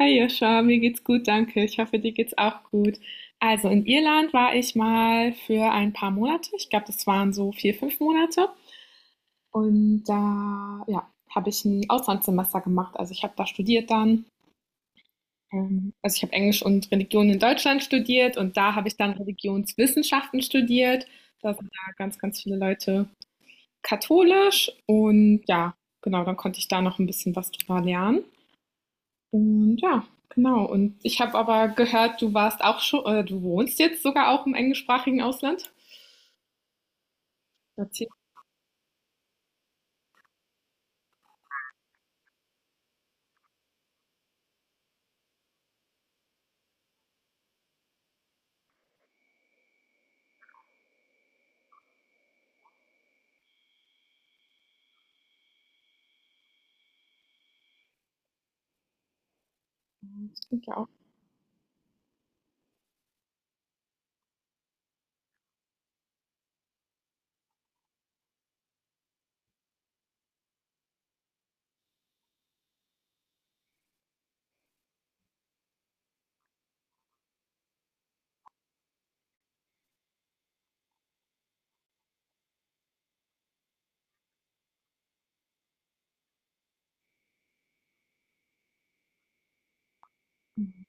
Hi Joscha, mir geht's gut, danke. Ich hoffe, dir geht's auch gut. Also in Irland war ich mal für ein paar Monate. Ich glaube, das waren so vier, fünf Monate. Und da, ja, habe ich ein Auslandssemester gemacht. Also ich habe da studiert dann. Also ich habe Englisch und Religion in Deutschland studiert und da habe ich dann Religionswissenschaften studiert. Da sind ja ganz, ganz viele Leute katholisch. Und ja, genau, dann konnte ich da noch ein bisschen was drüber lernen. Und ja, genau. Und ich habe aber gehört, du warst auch schon, du wohnst jetzt sogar auch im englischsprachigen Ausland. Erzähl mal, das klingt ja auch. Hm,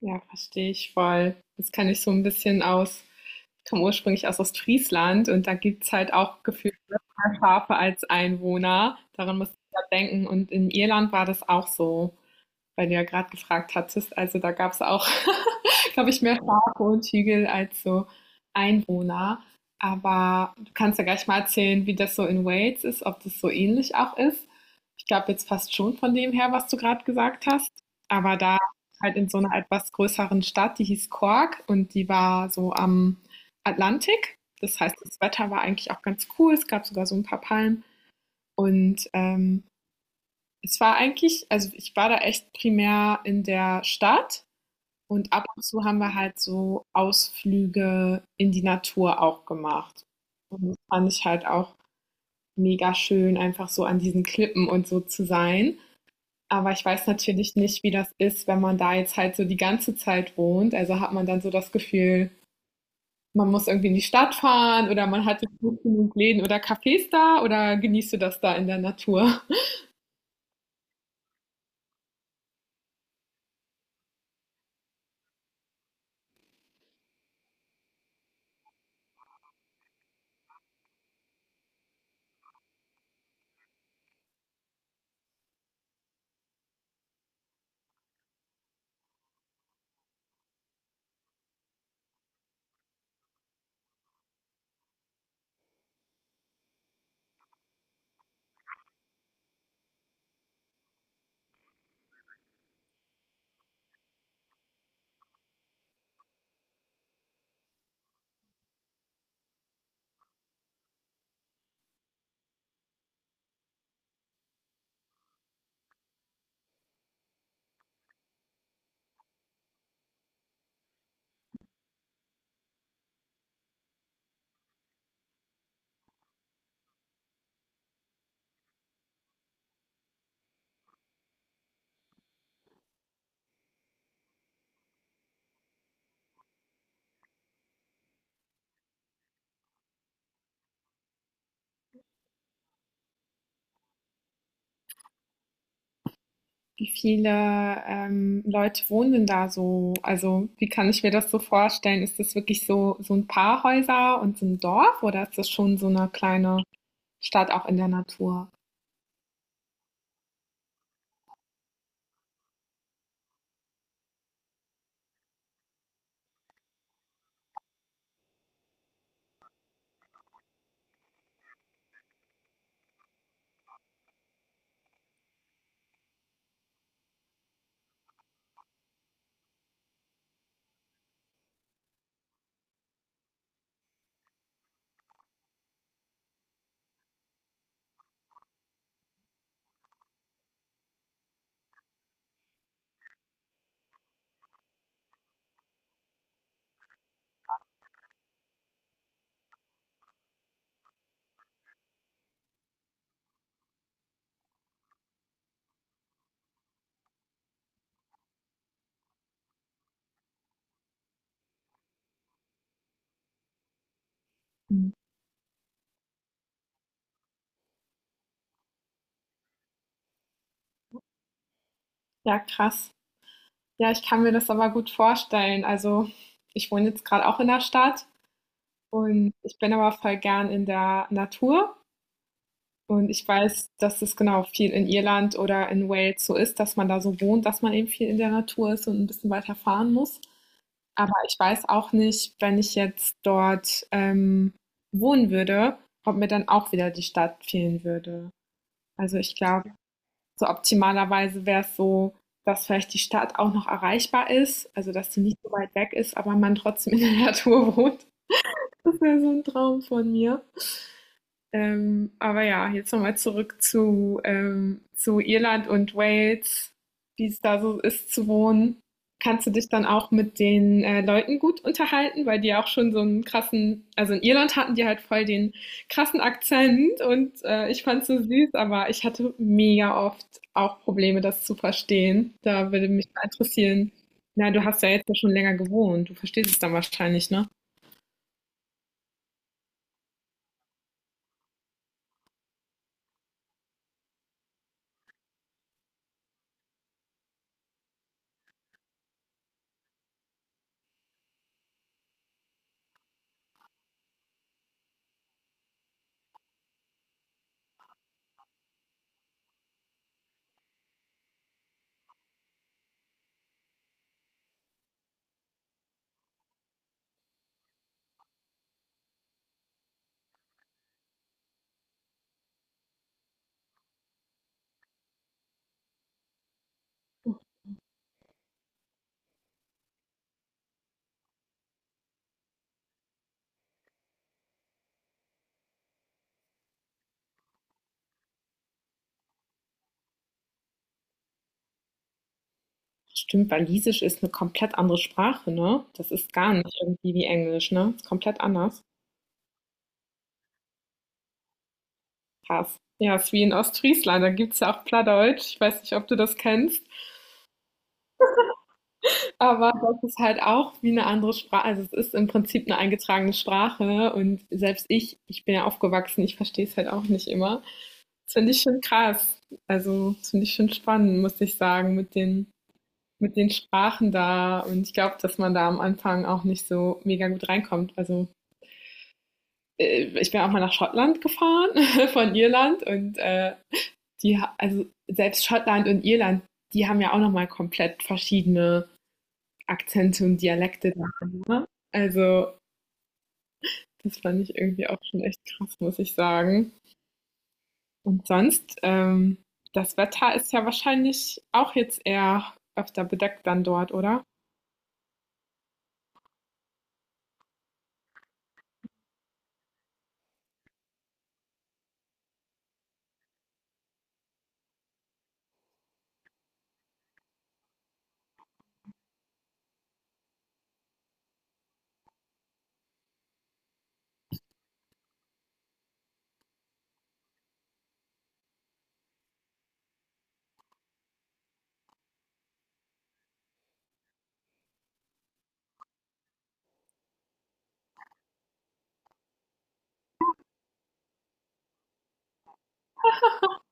Ja, verstehe ich voll. Das kann ich so ein bisschen aus. Ich komme ursprünglich aus Ostfriesland und da gibt es halt auch gefühlt mehr Schafe als Einwohner. Daran muss ich ja denken. Und in Irland war das auch so, weil du ja gerade gefragt hattest. Also da gab es auch, glaube ich, mehr Schafe und Hügel als so Einwohner. Aber du kannst ja gleich mal erzählen, wie das so in Wales ist, ob das so ähnlich auch ist. Ich glaube jetzt fast schon von dem her, was du gerade gesagt hast. Aber da halt in so einer etwas größeren Stadt, die hieß Cork und die war so am Atlantik. Das heißt, das Wetter war eigentlich auch ganz cool. Es gab sogar so ein paar Palmen. Und es war eigentlich, also ich war da echt primär in der Stadt und ab und zu haben wir halt so Ausflüge in die Natur auch gemacht. Und das fand ich halt auch mega schön, einfach so an diesen Klippen und so zu sein. Aber ich weiß natürlich nicht, wie das ist, wenn man da jetzt halt so die ganze Zeit wohnt. Also hat man dann so das Gefühl, man muss irgendwie in die Stadt fahren, oder man hat jetzt nicht genug Läden oder Cafés da, oder genießt du das da in der Natur? Wie viele, Leute wohnen denn da so? Also, wie kann ich mir das so vorstellen? Ist das wirklich so so ein paar Häuser und so ein Dorf, oder ist das schon so eine kleine Stadt auch in der Natur? Mhm. Ja, krass. Ja, ich kann mir das aber gut vorstellen. Also, ich wohne jetzt gerade auch in der Stadt und ich bin aber voll gern in der Natur und ich weiß, dass es genau, viel in Irland oder in Wales so ist, dass man da so wohnt, dass man eben viel in der Natur ist und ein bisschen weiter fahren muss. Aber ich weiß auch nicht, wenn ich jetzt dort wohnen würde, ob mir dann auch wieder die Stadt fehlen würde. Also ich glaube, so optimalerweise wäre es so, dass vielleicht die Stadt auch noch erreichbar ist, also dass sie nicht so weit weg ist, aber man trotzdem in der Natur wohnt. Das wäre so ein Traum von mir. Aber ja, jetzt nochmal zurück zu Irland und Wales, wie es da so ist zu wohnen. Kannst du dich dann auch mit den Leuten gut unterhalten, weil die ja auch schon so einen krassen, also in Irland hatten die halt voll den krassen Akzent und ich fand's so süß, aber ich hatte mega oft auch Probleme, das zu verstehen. Da würde mich mal interessieren. Na, du hast ja jetzt ja schon länger gewohnt, du verstehst es dann wahrscheinlich, ne? Stimmt, Walisisch ist eine komplett andere Sprache, ne? Das ist gar nicht irgendwie wie Englisch, ne? Ist komplett anders. Krass. Ja, ist wie in Ostfriesland, da gibt's ja auch Plattdeutsch. Ich weiß nicht, ob du das kennst, aber das ist halt auch wie eine andere Sprache. Also, es ist im Prinzip eine eingetragene Sprache, ne? Und selbst ich bin ja aufgewachsen, ich verstehe es halt auch nicht immer. Das finde ich schon krass. Also, das finde ich schon spannend, muss ich sagen, mit den Sprachen da, und ich glaube, dass man da am Anfang auch nicht so mega gut reinkommt. Also ich bin auch mal nach Schottland gefahren von Irland und die, also selbst Schottland und Irland, die haben ja auch nochmal komplett verschiedene Akzente und Dialekte da. Ne? Also das fand ich irgendwie auch schon echt krass, muss ich sagen. Und sonst, das Wetter ist ja wahrscheinlich auch jetzt eher öfter bedeckt dann dort, oder?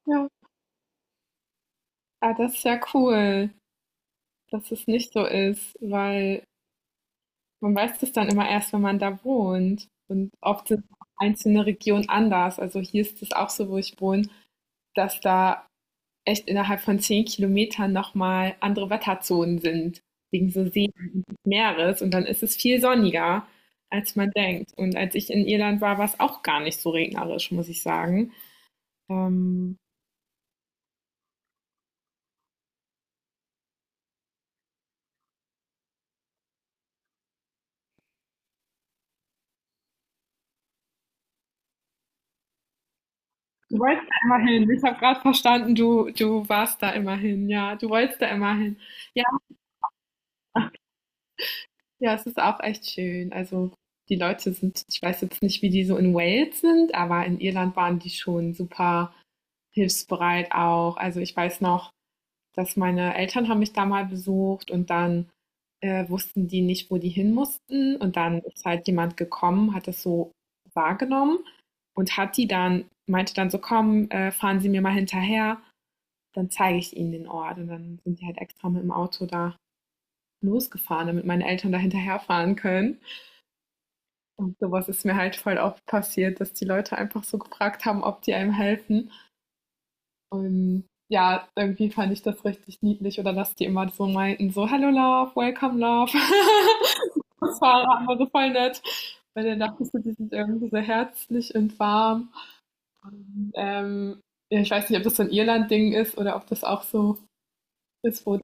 Ja. Ah, das ist ja cool, dass es nicht so ist, weil man weiß das dann immer erst, wenn man da wohnt. Und oft sind auch einzelne Regionen anders. Also hier ist es auch so, wo ich wohne, dass da echt innerhalb von 10 Kilometern nochmal andere Wetterzonen sind, wegen so See und Meeres. Und dann ist es viel sonniger, als man denkt. Und als ich in Irland war, war es auch gar nicht so regnerisch, muss ich sagen. Ähm, du wolltest da immer hin. Ich habe gerade verstanden, du warst da immer hin. Ja, du wolltest da immer hin. Ja, ja, es ist auch echt schön. Also, die Leute sind, ich weiß jetzt nicht, wie die so in Wales sind, aber in Irland waren die schon super hilfsbereit auch. Also, ich weiß noch, dass meine Eltern haben mich da mal besucht, und dann, wussten die nicht, wo die hin mussten, und dann ist halt jemand gekommen, hat das so wahrgenommen und hat die dann, meinte dann so: „Komm, fahren Sie mir mal hinterher, dann zeige ich Ihnen den Ort.“ Und dann sind die halt extra mit dem Auto da losgefahren, damit meine Eltern da hinterherfahren können. Und sowas ist mir halt voll oft passiert, dass die Leute einfach so gefragt haben, ob die einem helfen. Und ja, irgendwie fand ich das richtig niedlich, oder dass die immer so meinten, so, hello love, welcome love. Das war aber so voll nett. Weil dann dachte ich so, die sind irgendwie so herzlich und warm. Und, ja, ich weiß nicht, ob das so ein Irland-Ding ist oder ob das auch so ist, wo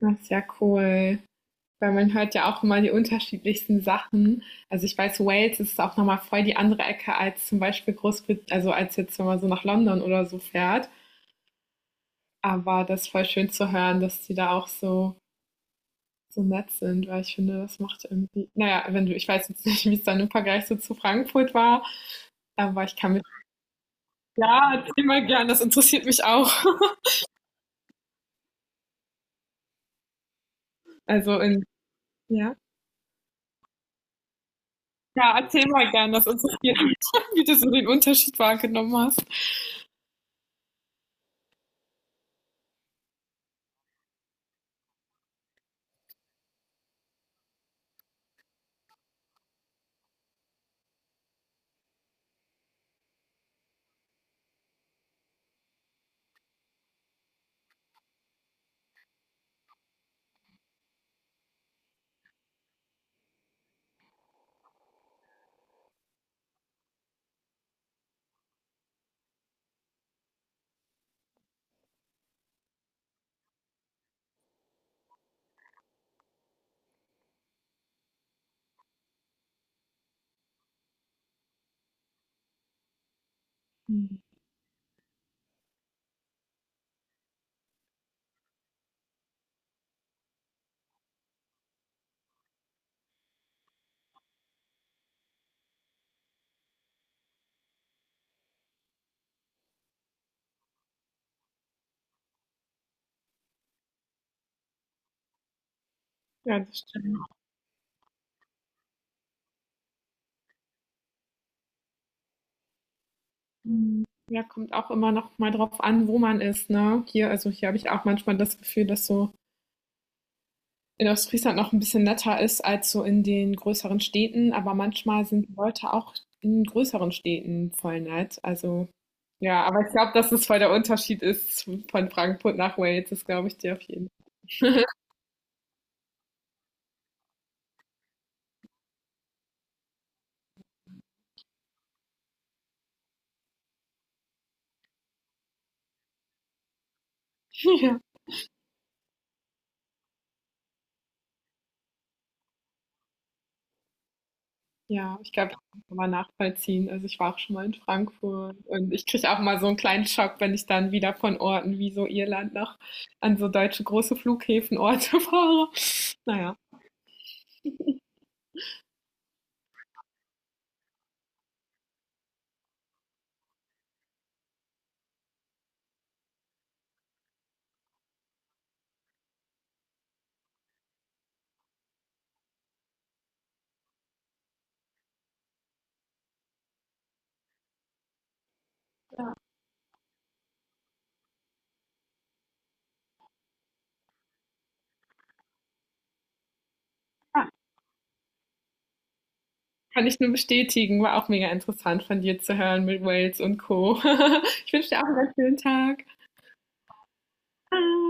das ist ja cool. Weil man hört ja auch immer die unterschiedlichsten Sachen. Also ich weiß, Wales ist auch nochmal voll die andere Ecke als zum Beispiel Großbritannien, also als jetzt, wenn man so nach London oder so fährt. Aber das ist voll schön zu hören, dass die da auch so, so nett sind, weil ich finde, das macht irgendwie, naja, wenn du, ich weiß jetzt nicht, wie es dann im Vergleich so zu Frankfurt war, aber ich kann mich, ja, erzähl mal gern, das interessiert mich auch. Also in, ja. Ja, erzähl mal gern, das interessiert mich, wie du so den Unterschied wahrgenommen hast. Ja, das stimmt. Mhm. Ja, kommt auch immer noch mal drauf an, wo man ist, ne? Hier, also hier habe ich auch manchmal das Gefühl, dass so in Ostfriesland noch ein bisschen netter ist als so in den größeren Städten, aber manchmal sind die Leute auch in größeren Städten voll nett. Also ja, aber ich glaube, dass es voll der Unterschied ist von Frankfurt nach Wales, das glaube ich dir auf jeden Fall. Ja. Ja, ich glaube, das kann man nachvollziehen. Also, ich war auch schon mal in Frankfurt und ich kriege auch mal so einen kleinen Schock, wenn ich dann wieder von Orten wie so Irland noch an so deutsche große Flughäfen Orte fahre. Naja, ja, ja, kann ich nur bestätigen. War auch mega interessant von dir zu hören mit Wales und Co. Ich wünsche dir auch einen ganz schönen Tag.